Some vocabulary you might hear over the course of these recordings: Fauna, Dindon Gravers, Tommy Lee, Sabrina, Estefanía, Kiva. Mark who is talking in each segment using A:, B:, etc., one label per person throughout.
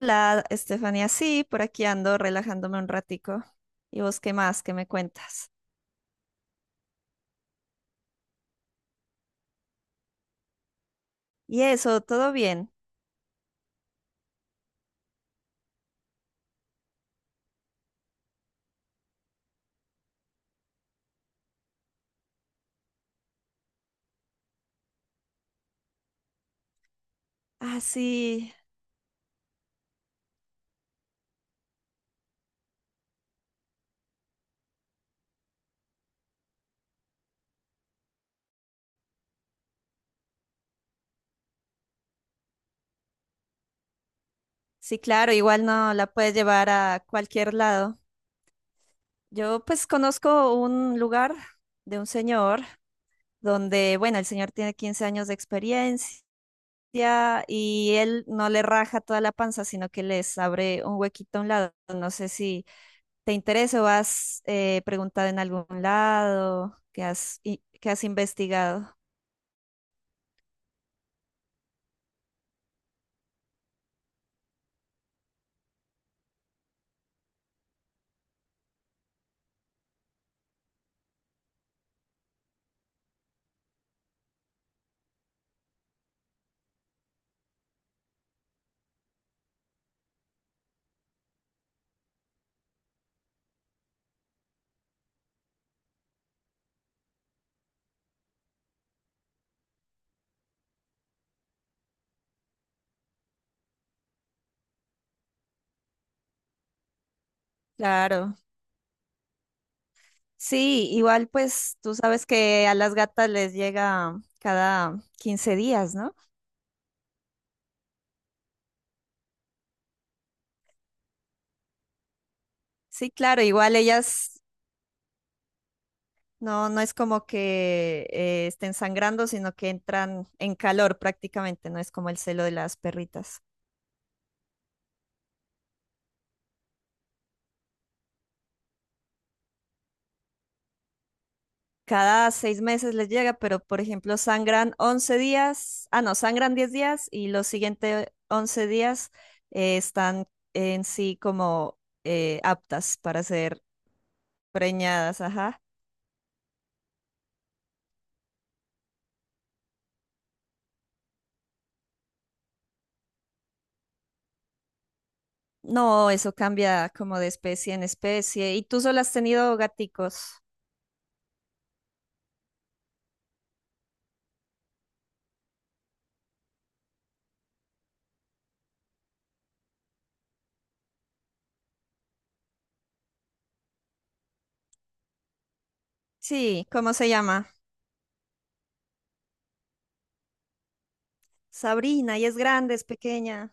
A: Hola, Estefanía. Sí, por aquí ando relajándome un ratico. ¿Y vos qué más? ¿Qué me cuentas? Y eso, ¿todo bien? Ah, sí, sí, claro, igual no la puedes llevar a cualquier lado. Yo pues conozco un lugar de un señor donde, bueno, el señor tiene 15 años de experiencia y él no le raja toda la panza, sino que les abre un huequito a un lado. No sé si ¿te interesa o has preguntado en algún lado? ¿Qué has investigado? Claro. Sí, igual pues tú sabes que a las gatas les llega cada 15 días, ¿no? Sí, claro, igual ellas no es como que estén sangrando, sino que entran en calor prácticamente, no es como el celo de las perritas. Cada 6 meses les llega, pero por ejemplo sangran 11 días, ah no, sangran 10 días y los siguientes 11 días están en sí como aptas para ser preñadas, ajá. No, eso cambia como de especie en especie. ¿Y tú solo has tenido gaticos? Sí, ¿cómo se llama? Sabrina, ¿y es grande, es pequeña?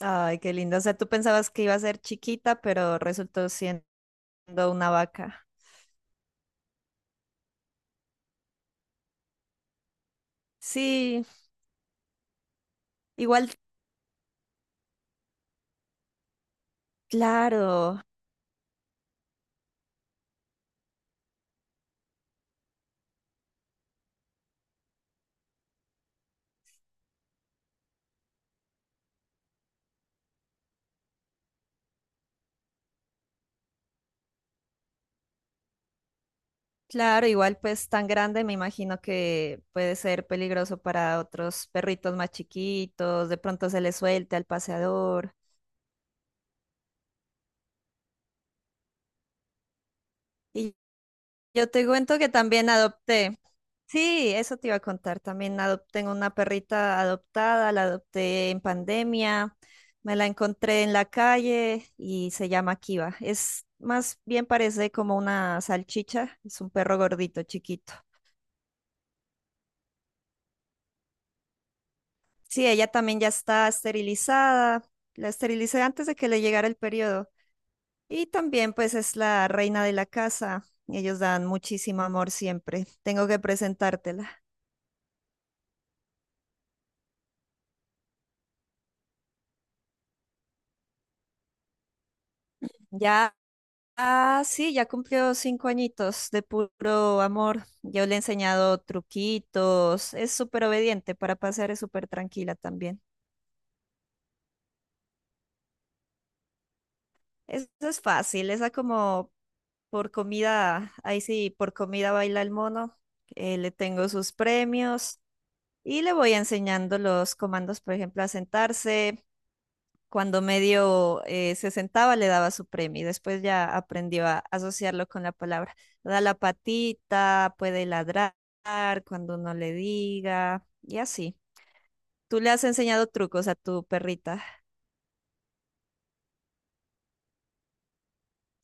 A: Ay, qué linda. O sea, tú pensabas que iba a ser chiquita, pero resultó siendo una vaca. Sí, igual, claro. Claro, igual pues tan grande, me imagino que puede ser peligroso para otros perritos más chiquitos, de pronto se le suelte al paseador. Y yo te cuento que también adopté, sí, eso te iba a contar, también adopté, tengo una perrita adoptada, la adopté en pandemia, me la encontré en la calle y se llama Kiva. Es más bien, parece como una salchicha, es un perro gordito, chiquito. Sí, ella también ya está esterilizada. La esterilicé antes de que le llegara el periodo. Y también pues es la reina de la casa. Ellos dan muchísimo amor siempre. Tengo que presentártela. Ya, ah, sí, ya cumplió 5 añitos de puro amor. Yo le he enseñado truquitos. Es súper obediente para pasear, es súper tranquila también. Eso es fácil. Esa como por comida, ahí sí, por comida baila el mono. Le tengo sus premios. Y le voy enseñando los comandos, por ejemplo, a sentarse. Cuando medio se sentaba, le daba su premio y después ya aprendió a asociarlo con la palabra. Da la patita, puede ladrar cuando uno le diga y así. ¿Tú le has enseñado trucos a tu perrita?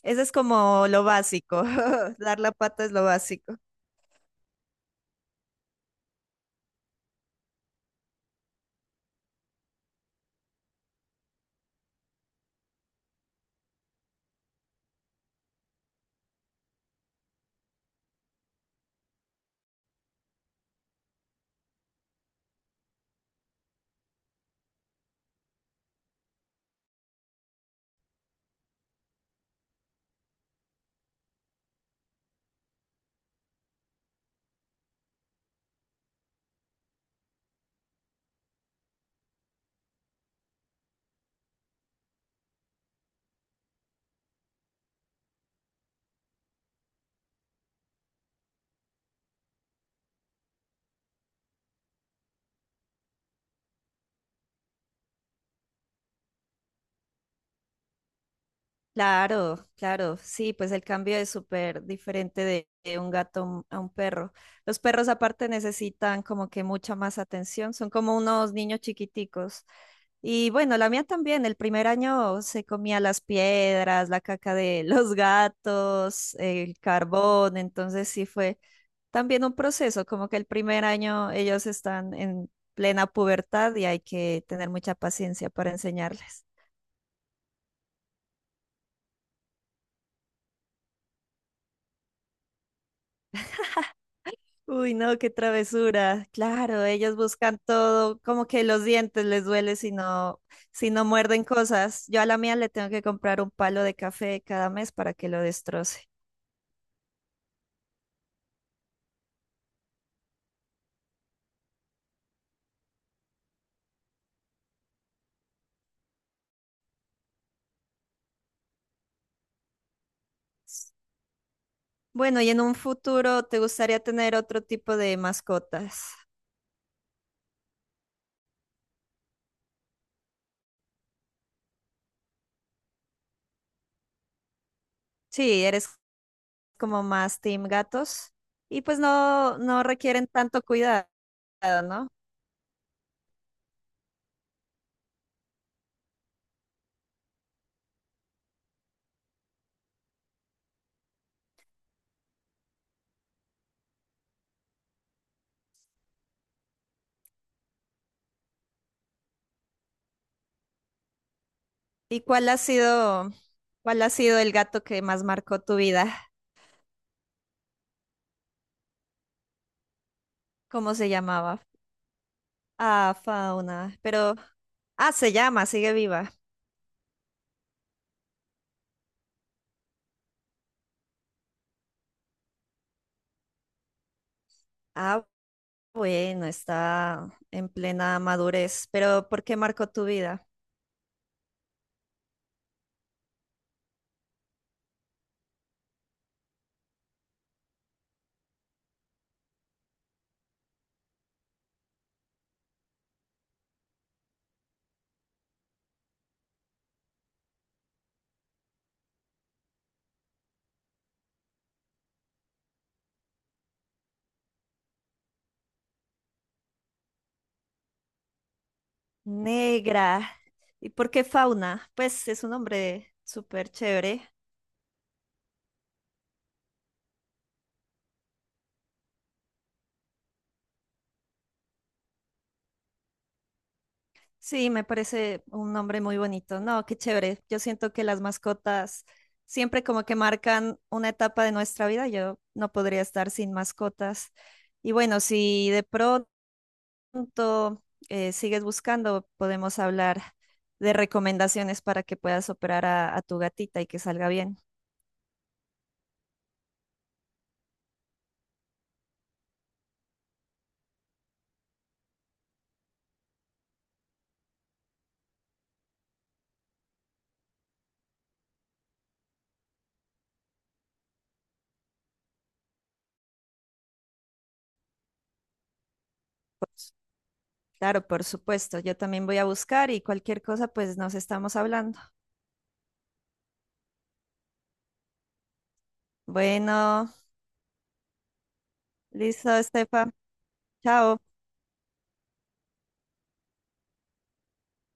A: Eso es como lo básico. Dar la pata es lo básico. Claro, claro, sí, pues el cambio es súper diferente de un gato a un perro. Los perros aparte necesitan como que mucha más atención, son como unos niños chiquiticos. Y bueno, la mía también, el primer año se comía las piedras, la caca de los gatos, el carbón, entonces sí fue también un proceso, como que el primer año ellos están en plena pubertad y hay que tener mucha paciencia para enseñarles. Uy, no, qué travesura. Claro, ellos buscan todo, como que los dientes les duele si no, si no muerden cosas. Yo a la mía le tengo que comprar un palo de café cada mes para que lo destroce. Bueno, y en un futuro, ¿te gustaría tener otro tipo de mascotas? Sí, eres como más team gatos y pues no, no requieren tanto cuidado, ¿no? ¿Y cuál ha sido el gato que más marcó tu vida? ¿Cómo se llamaba? Ah, Fauna. Pero ah, se llama, sigue viva. Ah, bueno, está en plena madurez. Pero ¿por qué marcó tu vida? Negra. ¿Y por qué Fauna? Pues es un nombre súper chévere. Sí, me parece un nombre muy bonito. No, qué chévere. Yo siento que las mascotas siempre como que marcan una etapa de nuestra vida. Yo no podría estar sin mascotas. Y bueno, si de pronto punto sigues buscando, podemos hablar de recomendaciones para que puedas operar a tu gatita y que salga bien. Claro, por supuesto. Yo también voy a buscar y cualquier cosa, pues nos estamos hablando. Bueno, listo, Estefa. Chao.